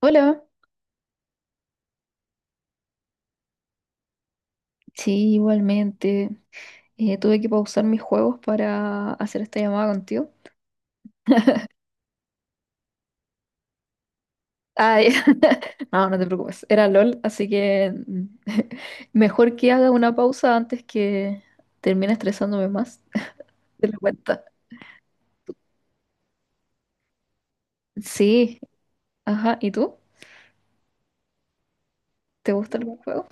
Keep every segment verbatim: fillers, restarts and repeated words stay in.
Hola, sí, igualmente. Eh, tuve que pausar mis juegos para hacer esta llamada contigo. Ah, ya. No, no te preocupes. Era LOL, así que mm, mejor que haga una pausa antes que termine estresándome más. Te lo cuenta. Sí, ajá. ¿Y tú? ¿Te gusta algún juego?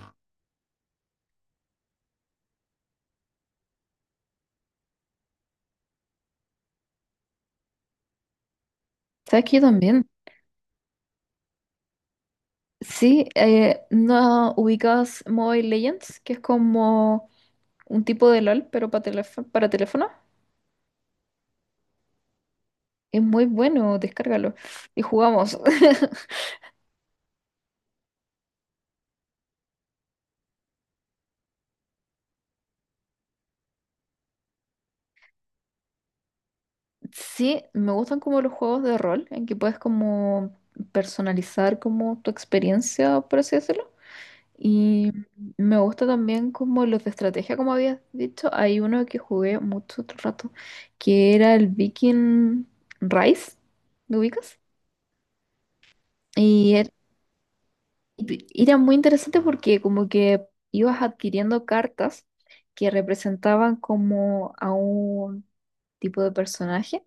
¿Sabes que yo también? Sí, eh, ¿no ubicas Mobile Legends? Que es como un tipo de LOL, pero para teléfono, para teléfono. Es muy bueno, descárgalo. Y jugamos. Sí, me gustan como los juegos de rol, en que puedes como personalizar como tu experiencia, por así decirlo. Y me gusta también como los de estrategia, como habías dicho. Hay uno que jugué mucho otro rato, que era el Viking Rise, ¿lo ubicas? Y era, y era muy interesante porque como que ibas adquiriendo cartas que representaban como a un tipo de personaje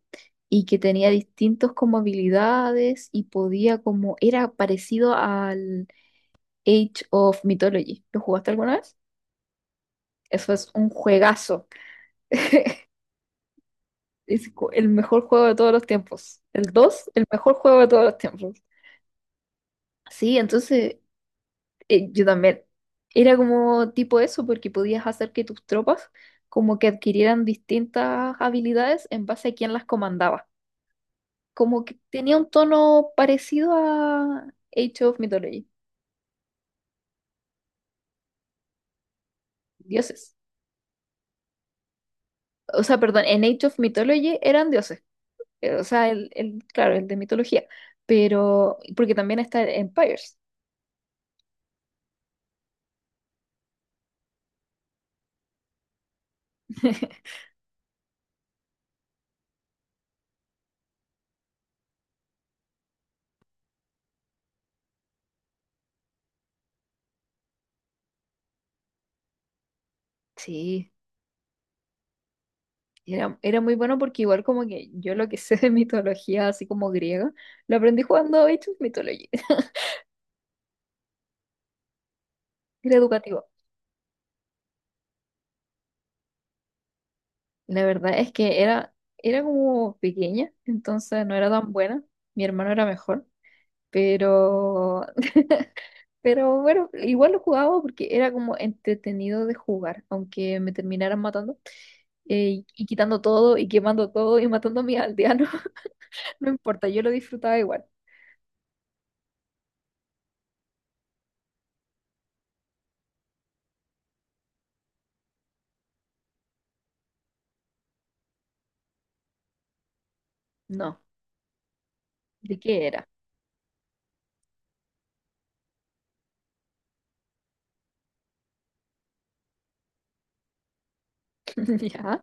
y que tenía distintos como habilidades y podía como, era parecido al Age of Mythology. ¿Lo jugaste alguna vez? Eso es un juegazo. Es cu- el mejor juego de todos los tiempos. El dos, el mejor juego de todos los tiempos. Sí, entonces eh, yo también. Era como tipo eso, porque podías hacer que tus tropas como que adquirieran distintas habilidades en base a quién las comandaba. Como que tenía un tono parecido a Age of Mythology, dioses. O sea, perdón, en Age of Mythology eran dioses. Eh, O sea, el, el- claro, el de mitología. Pero, porque también está el Empires. Sí, era, era muy bueno porque igual como que yo lo que sé de mitología, así como griega, lo aprendí jugando Age of Mythology. Era educativo. La verdad es que era, era como pequeña, entonces no era tan buena. Mi hermano era mejor, pero pero bueno, igual lo jugaba porque era como entretenido de jugar, aunque me terminaran matando eh, y quitando todo y quemando todo y matando a mis aldeanos. No importa, yo lo disfrutaba igual. No, ¿de qué era? Ya.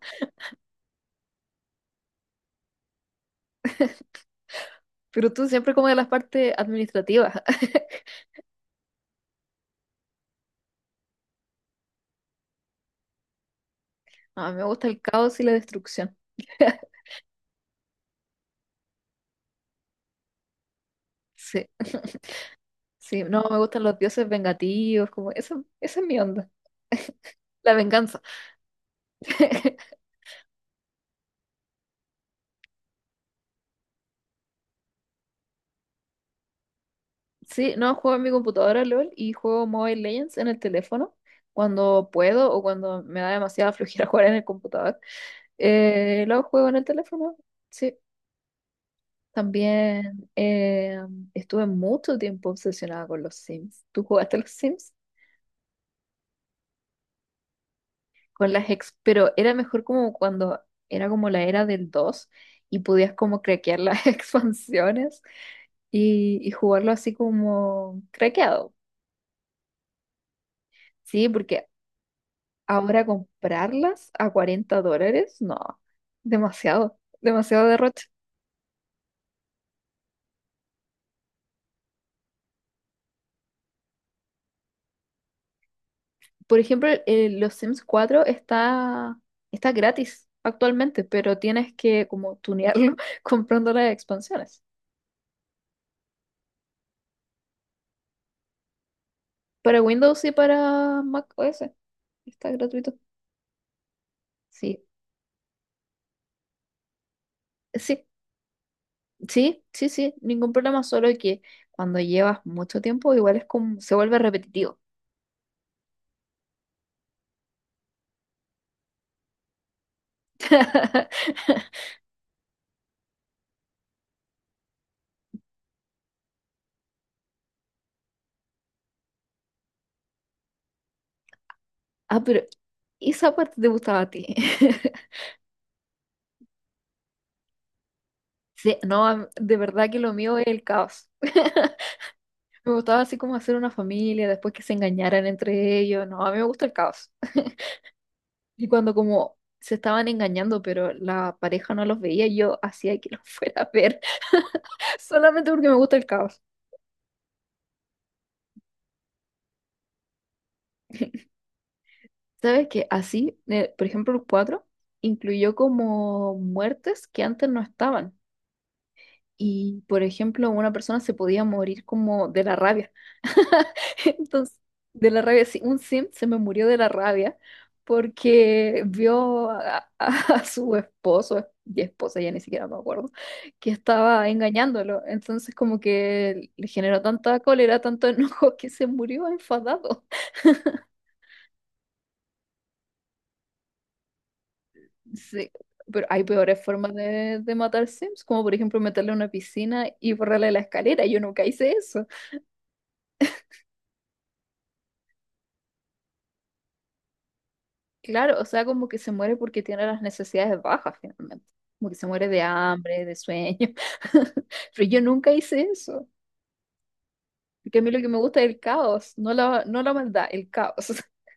Pero tú siempre como de las partes administrativas. A mí me gusta el caos y la destrucción. Sí, sí, no, me gustan los dioses vengativos, como eso, esa es mi onda. La venganza. Sí, no, juego en mi computadora LOL y juego Mobile Legends en el teléfono cuando puedo o cuando me da demasiada flojera jugar en el computador. Eh, lo juego en el teléfono, sí. También eh, estuve mucho tiempo obsesionada con los Sims. ¿Tú jugaste a los Sims? Con las ex, pero era mejor como cuando era como la era del dos y podías como craquear las expansiones y, y jugarlo así como craqueado. Sí, porque ahora comprarlas a cuarenta dólares, no, demasiado, demasiado derroche. Por ejemplo, eh, los Sims cuatro está, está gratis actualmente, pero tienes que como tunearlo comprando las expansiones. Para Windows y para Mac O S está gratuito. Sí, sí, sí, sí, sí, ningún problema, solo que cuando llevas mucho tiempo igual es como, se vuelve repetitivo. Ah, pero esa parte te gustaba a ti. Sí, no, a- de verdad que lo mío es el caos. Me gustaba así como hacer una familia, después que se engañaran entre ellos. No, a mí me gusta el caos. Y cuando como se estaban engañando, pero la pareja no los veía, yo hacía que los fuera a ver, solamente porque me gusta el caos. ¿Sabes qué? Así, eh, por ejemplo, el cuatro incluyó como muertes que antes no estaban. Y, por ejemplo, una persona se podía morir como de la rabia. Entonces, de la rabia, sí, un sim se me murió de la rabia porque vio a, a- a su esposo y esposa, ya ni siquiera me acuerdo, que estaba engañándolo. Entonces, como que le generó tanta cólera, tanto enojo que se murió enfadado. Sí, pero hay peores formas de, de matar sims, como por ejemplo meterle a una piscina y borrarle la escalera. Yo nunca hice eso. Claro, o sea, como que se muere porque tiene las necesidades bajas finalmente. Como que se muere de hambre, de sueño. Pero yo nunca hice eso. Porque a mí lo que me gusta es el caos, no la, no la maldad, el caos.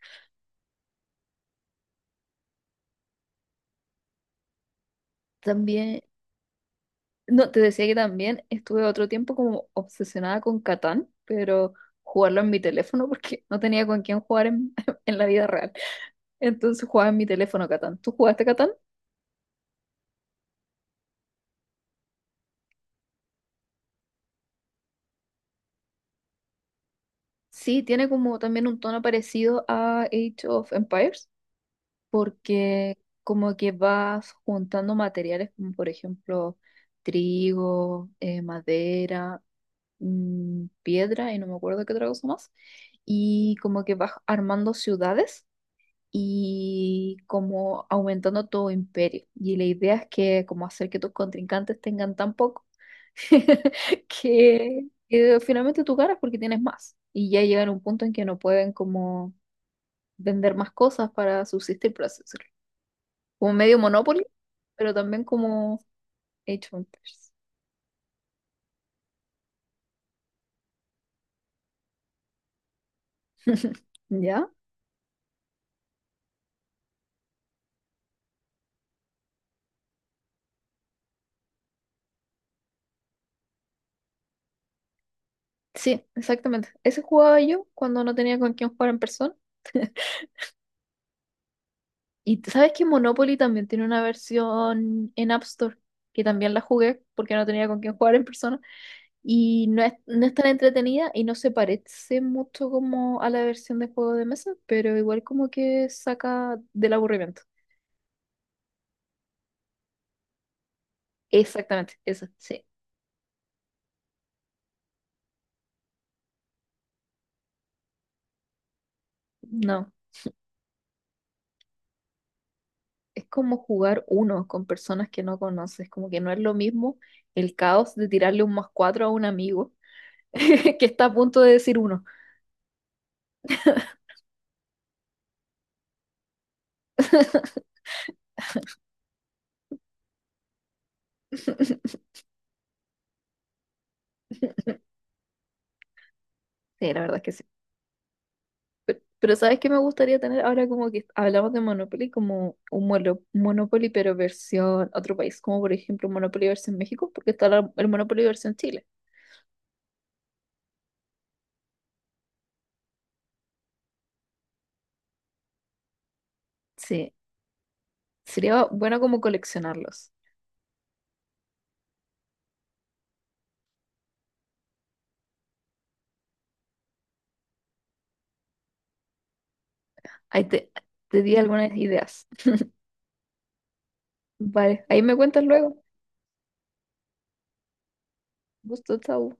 También, no, te decía que también estuve otro tiempo como obsesionada con Catán, pero jugarlo en mi teléfono porque no tenía con quién jugar en, en la vida real. Entonces jugaba en mi teléfono Catán. ¿Tú jugaste Catán? Sí, tiene como también un tono parecido a Age of Empires porque como que vas juntando materiales como por ejemplo trigo, eh, madera, mm, piedra y no me acuerdo qué otra cosa más, y como que vas armando ciudades y como aumentando tu imperio. Y la idea es que como hacer que tus contrincantes tengan tan poco que, que finalmente tú ganas porque tienes más. Y ya llegan a un punto en que no pueden como vender más cosas para subsistir, por así decirlo como medio Monopoly, pero también como Age of Empires. ¿Ya? Sí, exactamente. Ese jugaba yo cuando no tenía con quién jugar en persona. Y t- sabes que Monopoly también tiene una versión en App Store, que también la jugué porque no tenía con quién jugar en persona. Y no es, no es tan entretenida y no se parece mucho como a la versión de juego de mesa, pero igual como que saca del aburrimiento. Exactamente, esa, sí. No. Es como jugar uno con personas que no conoces, como que no es lo mismo el caos de tirarle un más cuatro a un amigo que está a punto de decir uno. Sí, la verdad es que sí. Pero, pero ¿sabes qué me gustaría tener ahora como que hablamos de Monopoly, como un mono- Monopoly pero versión otro país, como por ejemplo un Monopoly versión México, porque está la- el Monopoly versión Chile? Sí, sería bueno como coleccionarlos. Ahí te, te di algunas ideas. Vale, ahí me cuentas luego. Gusto, chao.